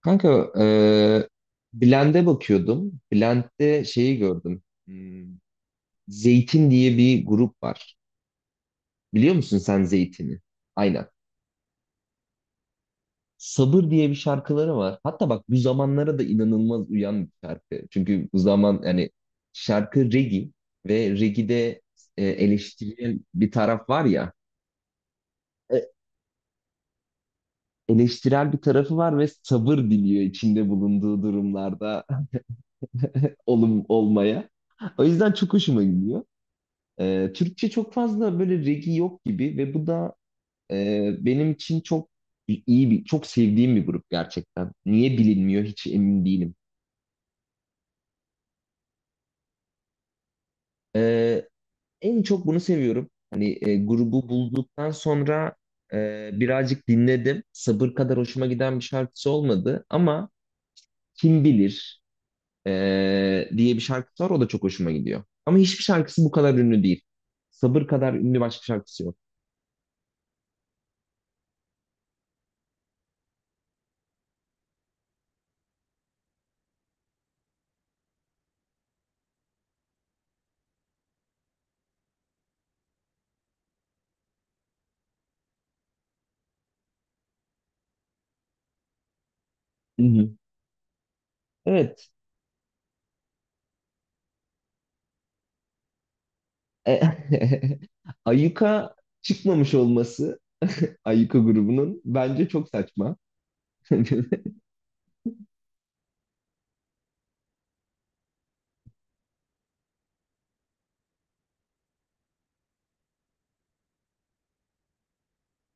Kanka Blend'e bakıyordum. Blend'de şeyi gördüm. Hmm, Zeytin diye bir grup var. Biliyor musun sen Zeytin'i? Aynen. Sabır diye bir şarkıları var. Hatta bak bu zamanlara da inanılmaz uyan bir şarkı. Çünkü bu zaman yani şarkı reggae ve reggae'de eleştirel bir taraf var ya. E, Eleştirel bir tarafı var ve sabır diliyor içinde bulunduğu durumlarda olum olmaya. O yüzden çok hoşuma gidiyor. Türkçe çok fazla böyle regi yok gibi ve bu da benim için çok iyi bir, çok sevdiğim bir grup gerçekten. Niye bilinmiyor hiç emin değilim. Ee, En çok bunu seviyorum. Hani grubu bulduktan sonra birazcık dinledim. Sabır kadar hoşuma giden bir şarkısı olmadı ama Kim Bilir e, diye bir şarkısı var o da çok hoşuma gidiyor. Ama hiçbir şarkısı bu kadar ünlü değil. Sabır kadar ünlü başka şarkısı yok. Hı hı. Evet. E, Ayuka çıkmamış olması Ayuka grubunun bence çok saçma.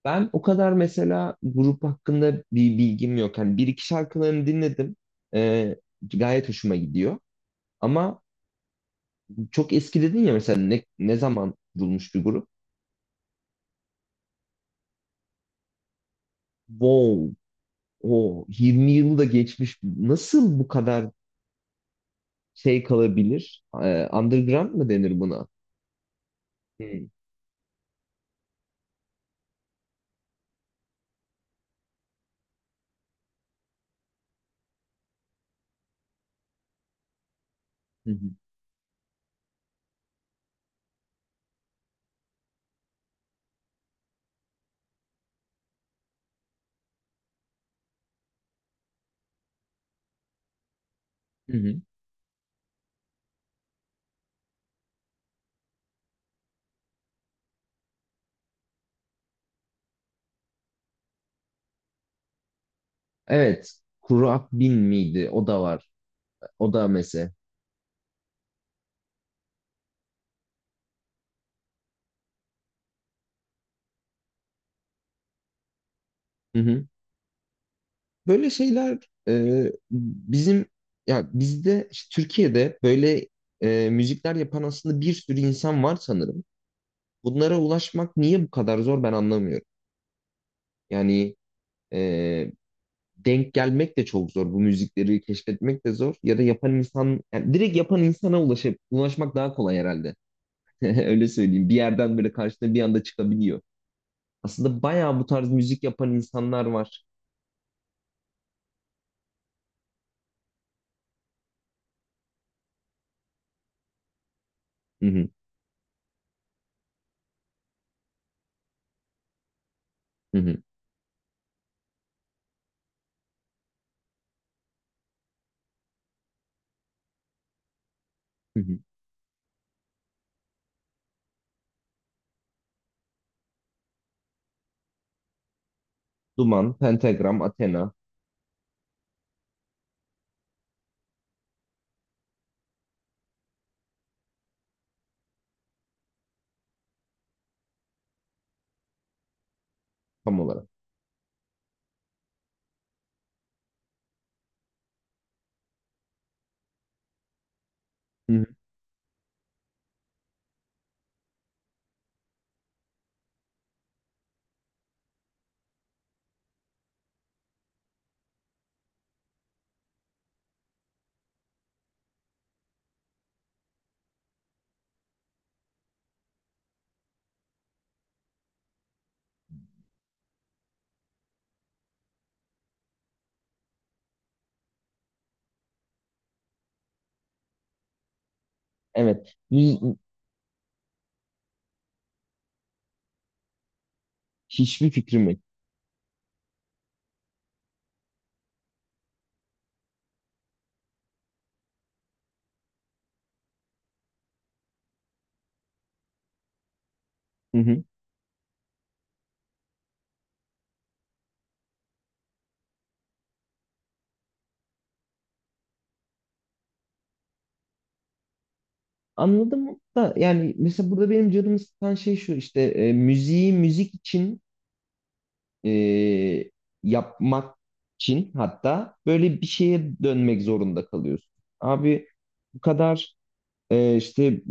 Ben o kadar mesela grup hakkında bir bilgim yok. Hani bir iki şarkılarını dinledim. E, Gayet hoşuma gidiyor. Ama çok eski dedin ya mesela ne zaman kurulmuş bir grup? Wow, o 20 yılı da geçmiş. Nasıl bu kadar şey kalabilir? Underground mı denir buna? Hı hı. Hı. Hı. Evet. Kurak bin miydi? O da var. O da mesela. Hı hı. Böyle şeyler e, bizim ya bizde işte Türkiye'de böyle müzikler yapan aslında bir sürü insan var sanırım. Bunlara ulaşmak niye bu kadar zor ben anlamıyorum. Yani e, denk gelmek de çok zor. Bu müzikleri keşfetmek de zor. Ya da yapan insan yani direkt yapan insana ulaşıp ulaşmak daha kolay herhalde. Öyle söyleyeyim. Bir yerden böyle karşına bir anda çıkabiliyor. Aslında bayağı bu tarz müzik yapan insanlar var. Hı hı, hı hı, hı hı. Duman, Pentagram, Athena tam olarak. Hı hı. Evet. Hiçbir fikrim yok. Hı hı. Anladım da yani mesela burada benim canımı sıkan şey şu işte müziği müzik için e, yapmak için hatta böyle bir şeye dönmek zorunda kalıyorsun. Abi bu kadar işte e,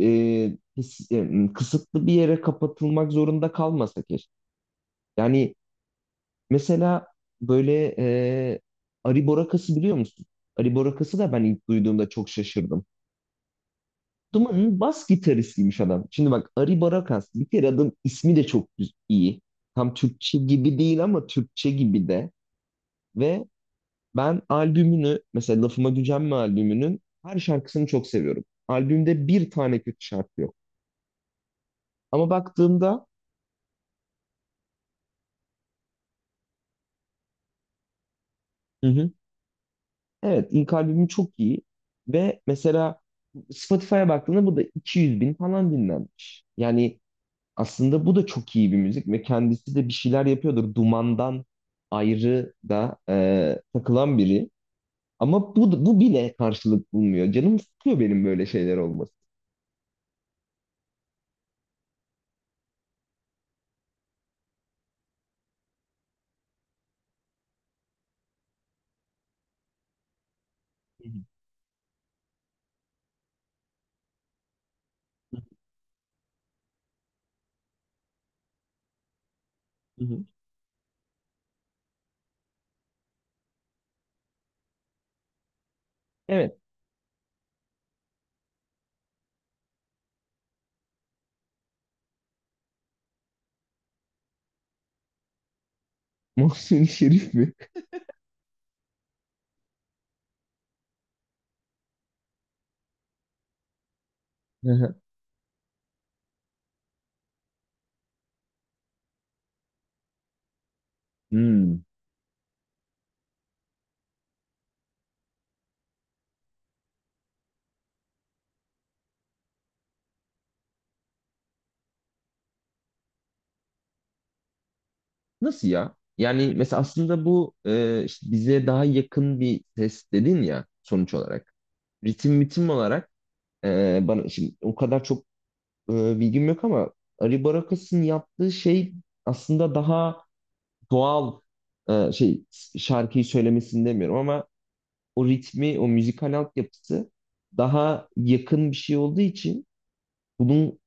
kıs- e, kısıtlı bir yere kapatılmak zorunda kalmasa keşke. Yani mesela böyle Ari Borakası biliyor musun? Ari Borakası da ben ilk duyduğumda çok şaşırdım. Duman'ın bas gitaristiymiş adam. Şimdi bak Ari Aribarakas bir kere adam ismi de çok iyi. Tam Türkçe gibi değil ama Türkçe gibi de. Ve ben albümünü mesela Lafıma Gücenme albümünün her şarkısını çok seviyorum. Albümde bir tane kötü şarkı yok. Ama baktığımda, hı hı. Evet, ilk albümü çok iyi ve mesela Spotify'a baktığında bu da 200 bin falan dinlenmiş. Yani aslında bu da çok iyi bir müzik ve kendisi de bir şeyler yapıyordur. Dumandan ayrı da takılan biri. Ama bu bile karşılık bulmuyor. Canım sıkıyor benim böyle şeyler olması. Hı hı, hı hı. Evet. Mahsuni Şerif mi? Hı hı. Hmm. Nasıl ya? Yani mesela aslında bu işte bize daha yakın bir ses dedin ya sonuç olarak. Ritim olarak bana şimdi o kadar çok bilgim yok ama Ari Barakas'ın yaptığı şey aslında daha doğal e, şey şarkıyı söylemesini demiyorum ama o ritmi, o müzikal altyapısı daha yakın bir şey olduğu için bunun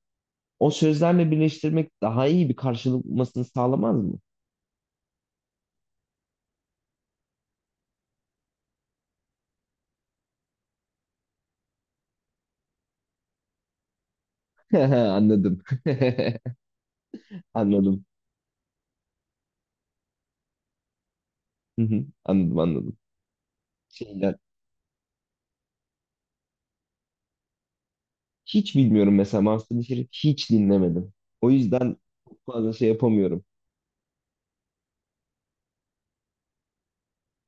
o sözlerle birleştirmek daha iyi bir karşılık bulmasını sağlamaz mı? Anladım. Anladım. Hı hı, anladım, anladım. Şeyler. Hiç bilmiyorum mesela Master Şerif hiç dinlemedim. O yüzden çok fazla şey yapamıyorum.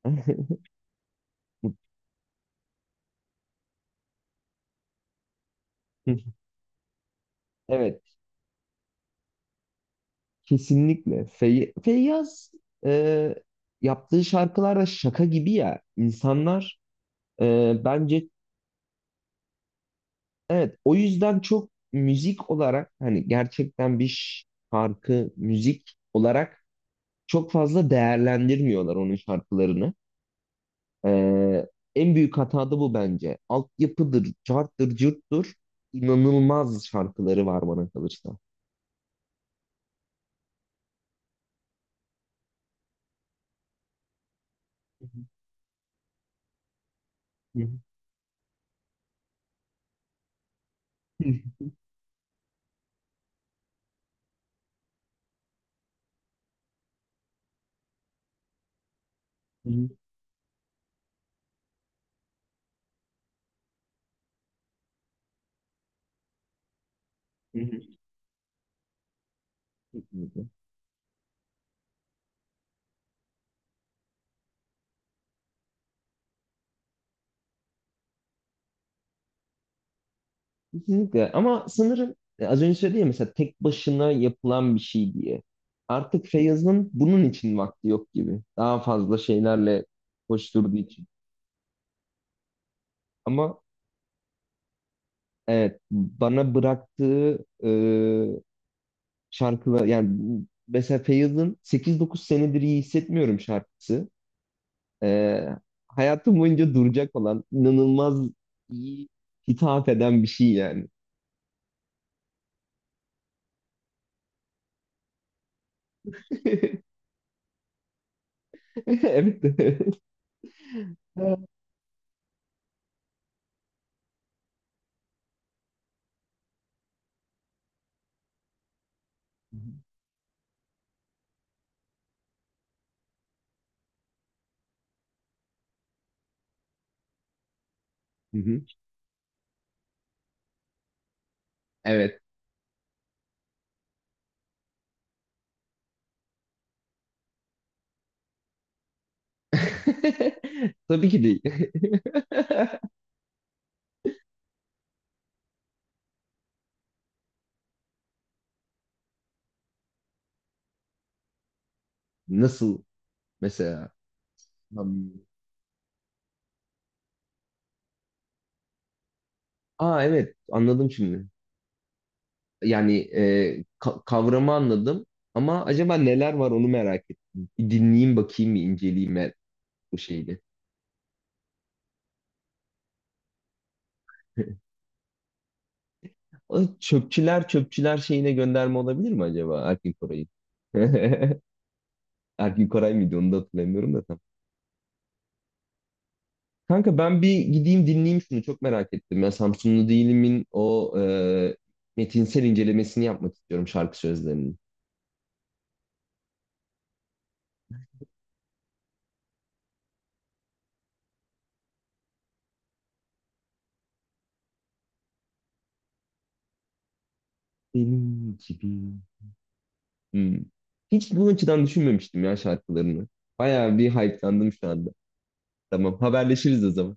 Evet, kesinlikle. Feyyaz e, yaptığı şarkılar da şaka gibi ya. İnsanlar bence evet o yüzden çok müzik olarak hani gerçekten bir şarkı müzik olarak çok fazla değerlendirmiyorlar onun şarkılarını. Ee, en büyük hata da bu bence. Altyapıdır, carttır, cırttır. İnanılmaz şarkıları var bana kalırsa. Hı hı. Hı hı. Hı hı. Kesinlikle. Kesinlikle. Ama sanırım az önce söyledim ya mesela tek başına yapılan bir şey diye. Artık Feyyaz'ın bunun için vakti yok gibi. Daha fazla şeylerle koşturduğu için. Ama evet bana bıraktığı şarkılar yani mesela Feyyaz'ın 8-9 senedir iyi hissetmiyorum şarkısı. Ee, Hayatım boyunca duracak olan inanılmaz iyi hitap eden bir şey yani. Evet. Evet. Hı hı. Evet. Tabii ki değil. Nasıl mesela? Hmm. Aa evet anladım şimdi. Yani kavramı anladım ama acaba neler var onu merak ettim. Bir dinleyeyim bakayım bir inceleyeyim ben bu şeyi. O Çöpçüler şeyine gönderme olabilir mi acaba Erkin Koray'ı? Erkin Koray mıydı onu da hatırlamıyorum da tam. Kanka ben bir gideyim dinleyeyim şunu çok merak ettim. Ya Samsunlu Değilim'in o metinsel incelemesini yapmak istiyorum şarkı sözlerinin. Benim gibi. Hmm. Hiç bu açıdan düşünmemiştim ya şarkılarını. Bayağı bir hype'landım şu anda. Tamam haberleşiriz o zaman.